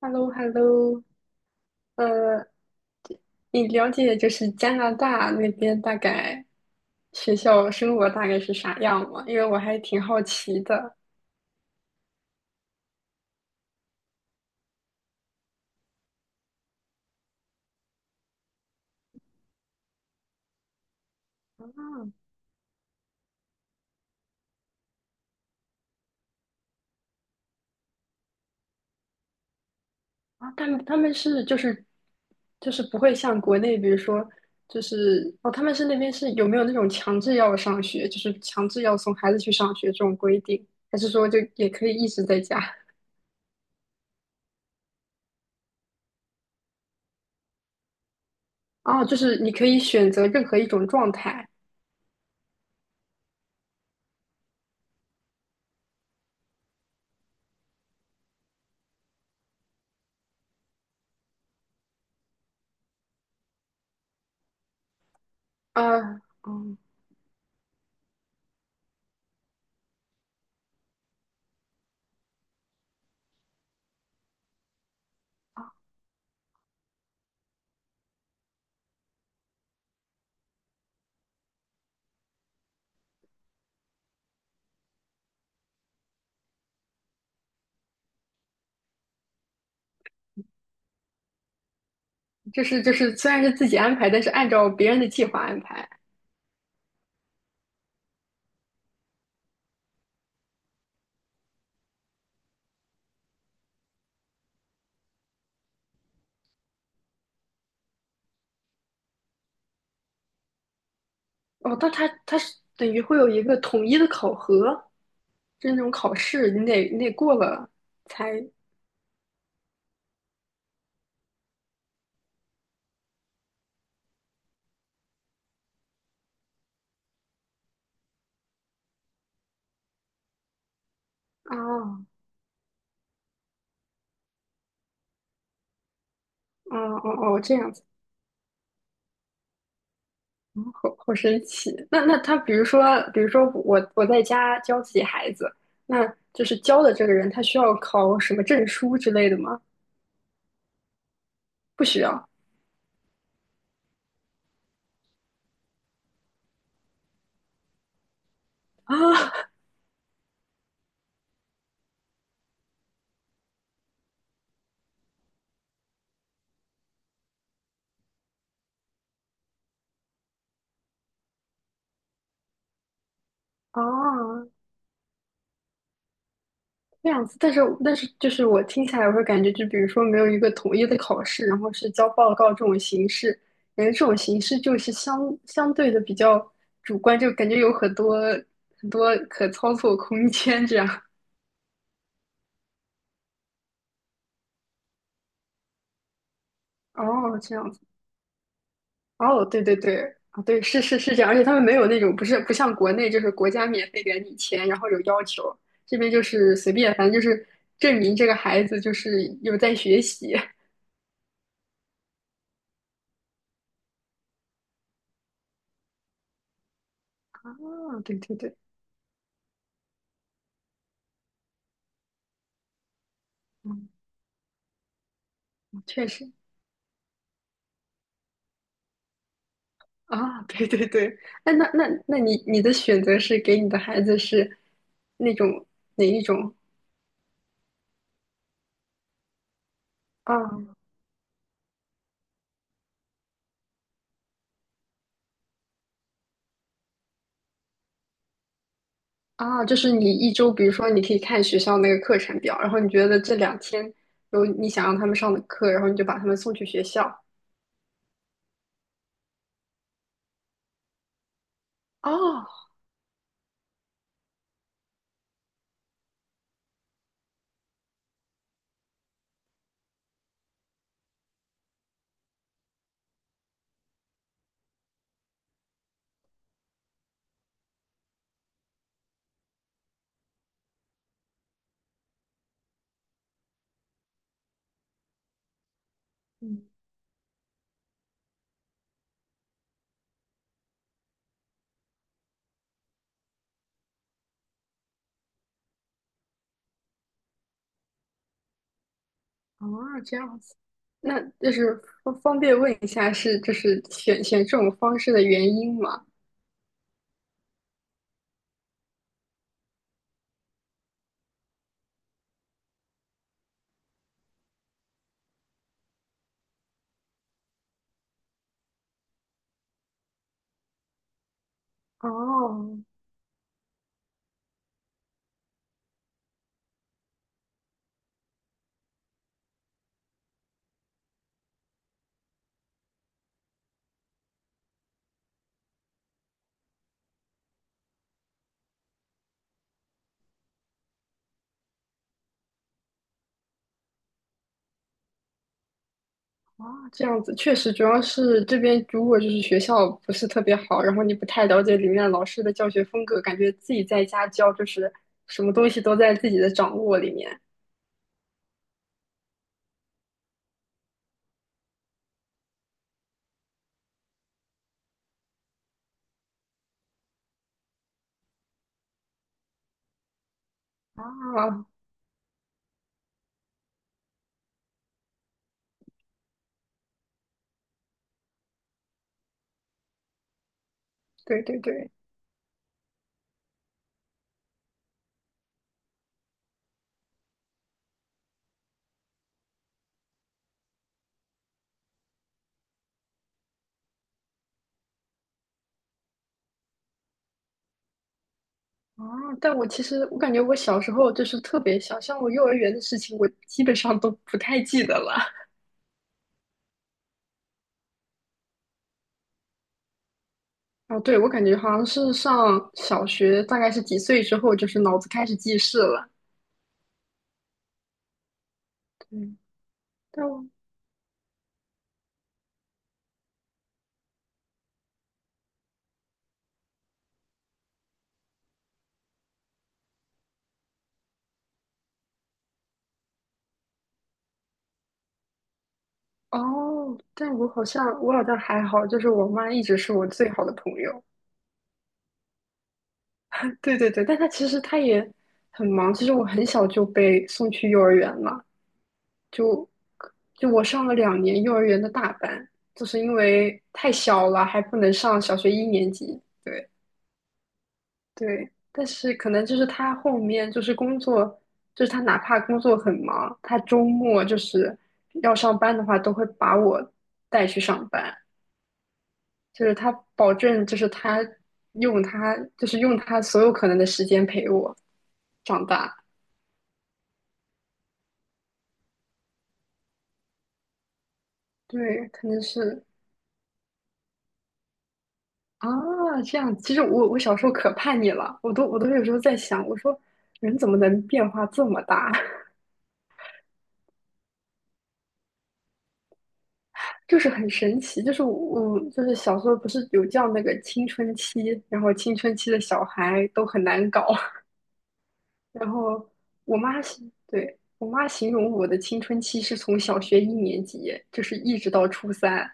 h e l l o hello 呃，你了解就是加拿大那边大概学校生活大概是啥样吗？因为我还挺好奇的。啊啊，他们就是不会像国内，比如说他们是那边是有没有那种强制要上学，就是强制要送孩子去上学这种规定，还是说就也可以一直在家？哦，就是你可以选择任何一种状态啊。哦，就是虽然是自己安排，但是按照别人的计划安排。哦，但他是等于会有一个统一的考核，就是那种考试，你得过了才啊。哦哦，哦，这样子。好好神奇。那那他，比如说，我在家教自己孩子，那就是教的这个人，他需要考什么证书之类的吗？不需要啊啊。哦，这样子。但是就是我听起来，我会感觉，就比如说没有一个统一的考试，然后是交报告这种形式，感觉这种形式就是相对的比较主观，就感觉有很多可操作空间这样。哦，这样子。哦，对对对。啊，对，是是是，这样。而且他们没有那种不像国内就是国家免费给你钱，然后有要求，这边就是随便，反正就是证明这个孩子就是有在学习。啊，对对对。嗯，确实。啊，对对对。哎，那你的选择是给你的孩子是那种哪一种？啊啊，就是你一周，比如说你可以看学校那个课程表，然后你觉得这两天有你想让他们上的课，然后你就把他们送去学校。哦。嗯。啊，这样子。那就是方便问一下是就是选这种方式的原因吗？哦。啊，这样子，确实。主要是这边如果就是学校不是特别好，然后你不太了解里面老师的教学风格，感觉自己在家教就是什么东西都在自己的掌握里面啊。对对对。啊，但我其实我感觉我小时候就是特别小，像我幼儿园的事情，我基本上都不太记得了。哦，对，我感觉好像是上小学，大概是几岁之后，就是脑子开始记事了。对。但我哦，但我好像还好，就是我妈一直是我最好的朋友。对对对，但她其实她也很忙。其实我很小就被送去幼儿园了，就就我上了2年幼儿园的大班，就是因为太小了还不能上小学一年级。对。对，但是可能就是她后面就是工作，就是她哪怕工作很忙，她周末就是要上班的话，都会把我带去上班。就是他保证，就是他，就是用他所有可能的时间陪我长大。对，可能是啊，这样。其实我我小时候可叛逆了，我都有时候在想，我说人怎么能变化这么大。就是很神奇。就是我就是小时候不是有叫那个青春期，然后青春期的小孩都很难搞。然后我妈是对，我妈形容我的青春期是从小学一年级，就是一直到初三。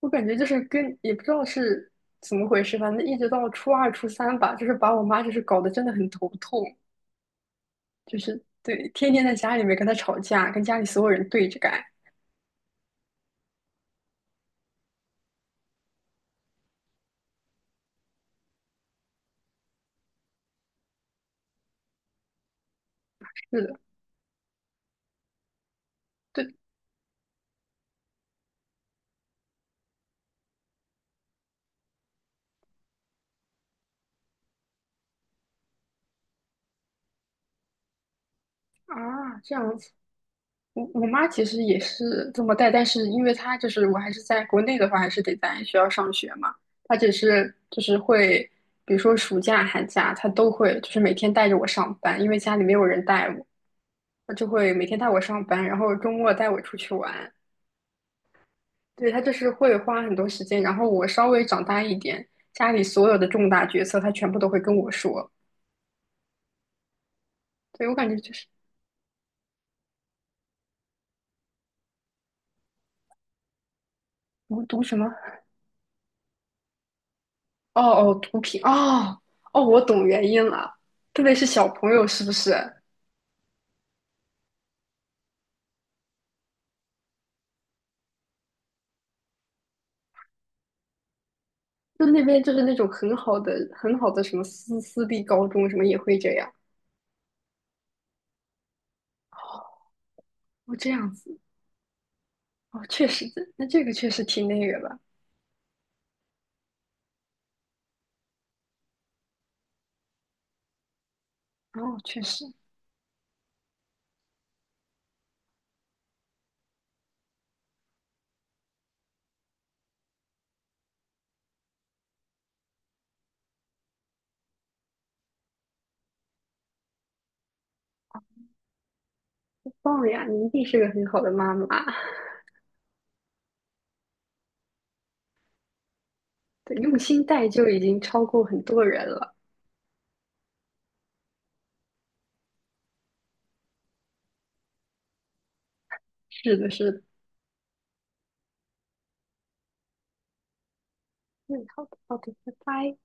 我感觉就是跟也不知道是怎么回事，反正一直到初2、初三吧，就是把我妈就是搞得真的很头痛。对，天天在家里面跟她吵架，跟家里所有人对着干。是的。对。啊，这样子。我我妈其实也是这么带，但是因为她我还是在国内的话，还是得在学校上学嘛。她只是就是会，比如说暑假、寒假，她都会就是每天带着我上班，因为家里没有人带我，她就会每天带我上班，然后周末带我出去玩。对，他就是会花很多时间，然后我稍微长大一点，家里所有的重大决策，他全部都会跟我说。对，我感觉就是什么？哦哦，毒品，哦。哦，我懂原因了。特别是小朋友，是不是？就那边就是那种很好的、很好的什么私立高中，什么也会这样。哦。哦，这样子。哦，确实。那这个确实挺那个的。哦，确实。棒呀，你一定是个很好的妈妈。对，用心带就已经超过很多人了。是的，是的。嗯，好的，好的，拜拜。